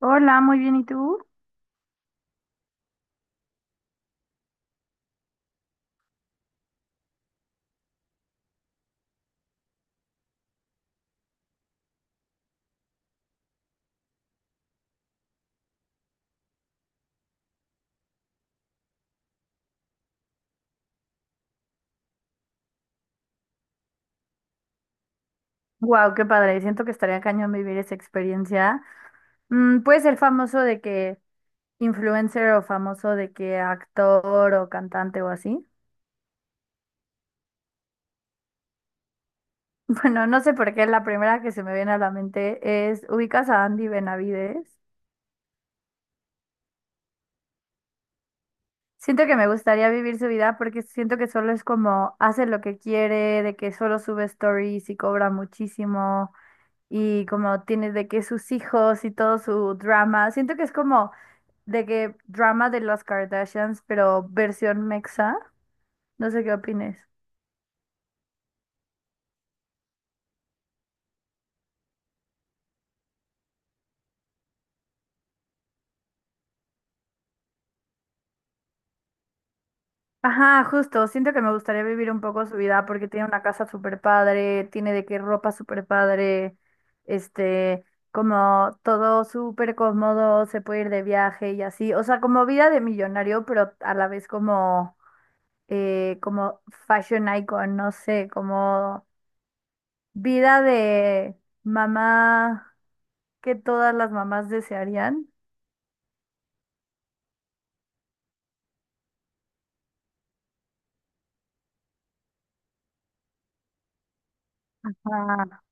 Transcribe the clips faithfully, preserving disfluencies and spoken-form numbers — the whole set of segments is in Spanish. Hola, muy bien, ¿y tú? Wow, qué padre. Siento que estaría cañón vivir esa experiencia. Mm, puede ser famoso de que influencer o famoso de que actor o cantante o así. Bueno, no sé por qué la primera que se me viene a la mente es, ¿ubicas a Andy Benavides? Siento que me gustaría vivir su vida porque siento que solo es como hace lo que quiere, de que solo sube stories y cobra muchísimo y como tiene de que sus hijos y todo su drama. Siento que es como de que drama de las Kardashians, pero versión mexa. No sé qué opines. Ajá, justo. Siento que me gustaría vivir un poco su vida porque tiene una casa súper padre, tiene de qué ropa súper padre, este, como todo súper cómodo, se puede ir de viaje y así. O sea, como vida de millonario, pero a la vez como, eh, como fashion icon, no sé, como vida de mamá que todas las mamás desearían. Ah,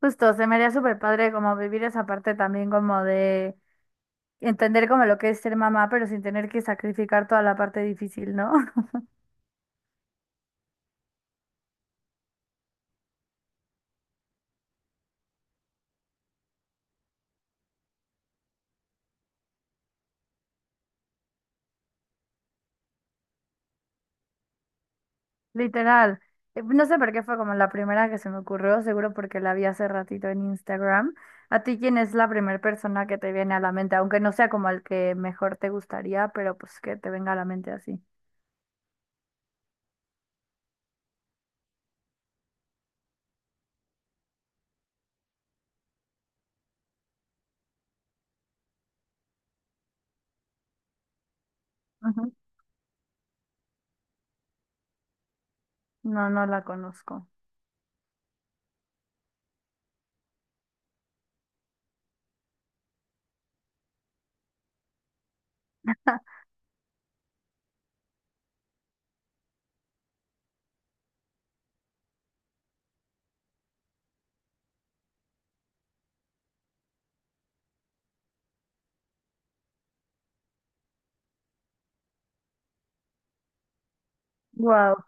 justo, se me haría súper padre como vivir esa parte también como de entender como lo que es ser mamá, pero sin tener que sacrificar toda la parte difícil, ¿no? Literal. Eh, No sé por qué fue como la primera que se me ocurrió, seguro porque la vi hace ratito en Instagram. ¿A ti quién es la primera persona que te viene a la mente? Aunque no sea como el que mejor te gustaría, pero pues que te venga a la mente así. Ujú. No, no la conozco. Wow.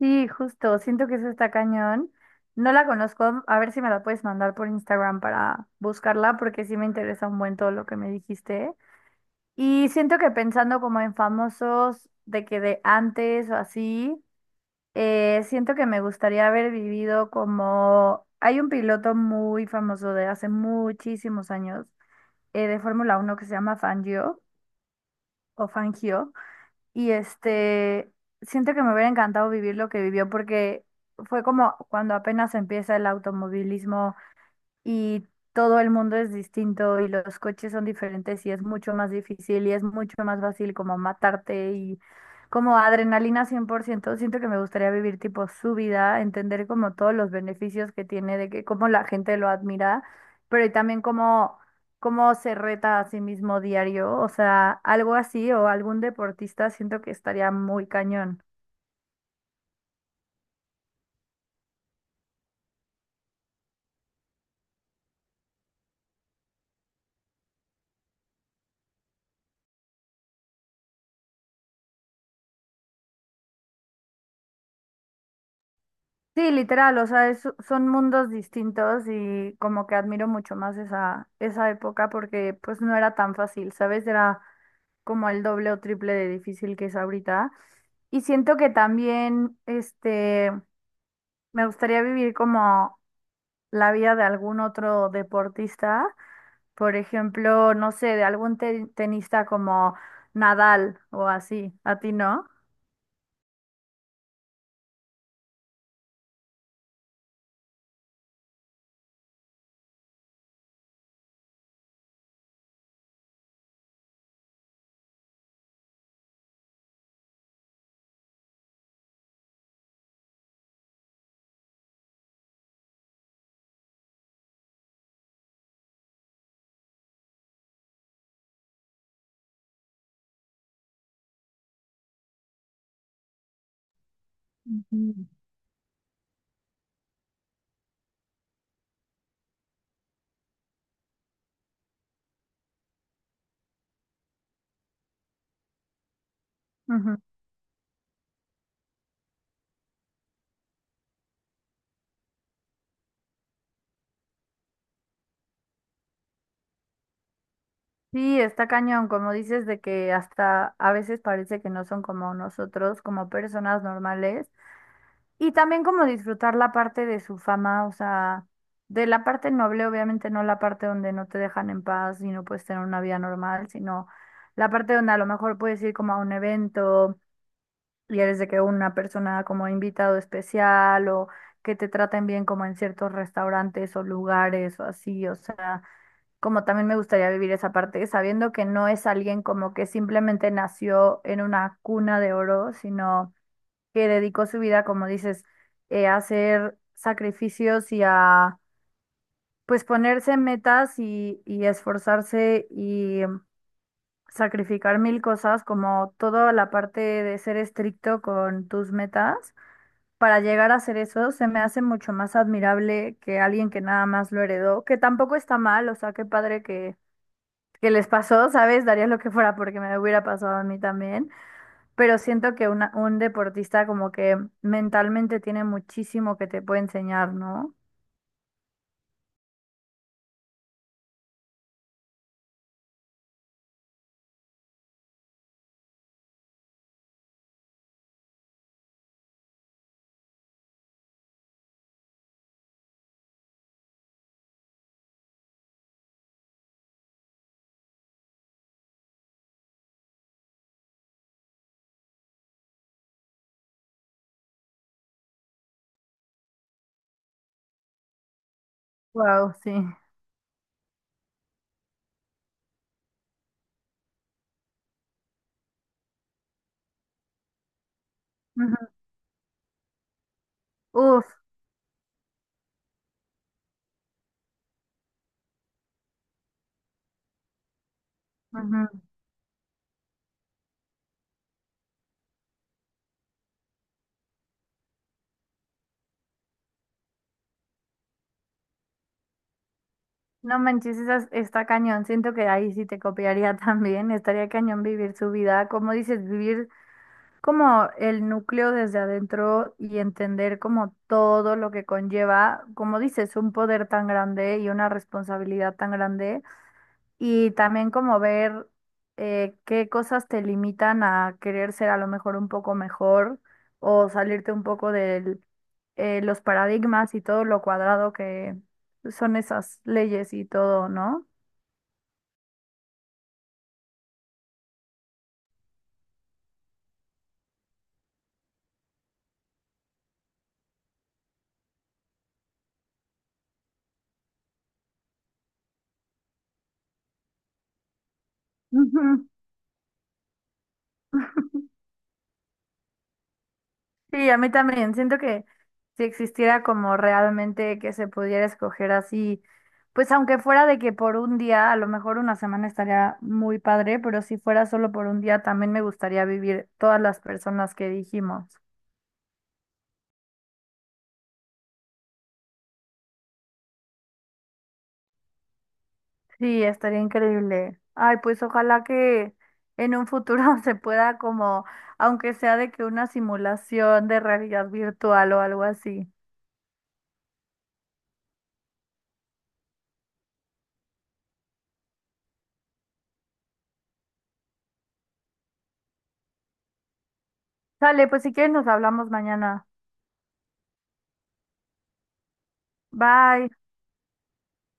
Sí, justo, siento que eso está cañón. No la conozco, a ver si me la puedes mandar por Instagram para buscarla, porque sí me interesa un buen todo lo que me dijiste. Y siento que pensando como en famosos de que de antes o así, eh, siento que me gustaría haber vivido como... Hay un piloto muy famoso de hace muchísimos años eh, de Fórmula Uno que se llama Fangio o Fangio. Y este, Siento que me hubiera encantado vivir lo que vivió porque fue como cuando apenas empieza el automovilismo y todo el mundo es distinto y los coches son diferentes y es mucho más difícil y es mucho más fácil como matarte y como adrenalina cien por ciento. Siento que me gustaría vivir tipo su vida, entender como todos los beneficios que tiene, de que cómo la gente lo admira, pero y también cómo, cómo se reta a sí mismo diario. O sea, algo así o algún deportista siento que estaría muy cañón. Sí, literal, o sea, es- son mundos distintos y como que admiro mucho más esa, esa época porque pues no era tan fácil, ¿sabes? Era como el doble o triple de difícil que es ahorita. Y siento que también, este, me gustaría vivir como la vida de algún otro deportista, por ejemplo, no sé, de algún te- tenista como Nadal o así, ¿a ti no? Ujú. Sí, está cañón, como dices, de que hasta a veces parece que no son como nosotros, como personas normales, y también como disfrutar la parte de su fama, o sea, de la parte noble, obviamente no la parte donde no te dejan en paz y no puedes tener una vida normal, sino la parte donde a lo mejor puedes ir como a un evento y eres de que una persona como invitado especial o que te traten bien como en ciertos restaurantes o lugares o así, o sea como también me gustaría vivir esa parte, sabiendo que no es alguien como que simplemente nació en una cuna de oro, sino que dedicó su vida, como dices, eh, a hacer sacrificios y a pues ponerse metas y, y esforzarse y mm, sacrificar mil cosas, como toda la parte de ser estricto con tus metas. Para llegar a hacer eso, se me hace mucho más admirable que alguien que nada más lo heredó, que tampoco está mal, o sea, qué padre que les pasó, ¿sabes? Daría lo que fuera porque me hubiera pasado a mí también, pero siento que una- un deportista como que mentalmente tiene muchísimo que te puede enseñar, ¿no? Wow, sí. Ujú. Uf, ujú. No manches, esa, está cañón. Siento que ahí sí te copiaría también. Estaría cañón vivir su vida, como dices, vivir como el núcleo desde adentro y entender como todo lo que conlleva, como dices, un poder tan grande y una responsabilidad tan grande. Y también como ver eh, qué cosas te limitan a querer ser a lo mejor un poco mejor o salirte un poco de los paradigmas y todo lo cuadrado que son esas leyes y todo, ¿no? Ujú. Sí, a mí también. Siento que si existiera como realmente que se pudiera escoger así, pues aunque fuera de que por un día, a lo mejor una semana estaría muy padre, pero si fuera solo por un día, también me gustaría vivir todas las personas que dijimos. Sí, estaría increíble. Ay, pues ojalá que en un futuro se pueda como, aunque sea de que una simulación de realidad virtual o algo así. Sale, pues si quieres nos hablamos mañana. Bye.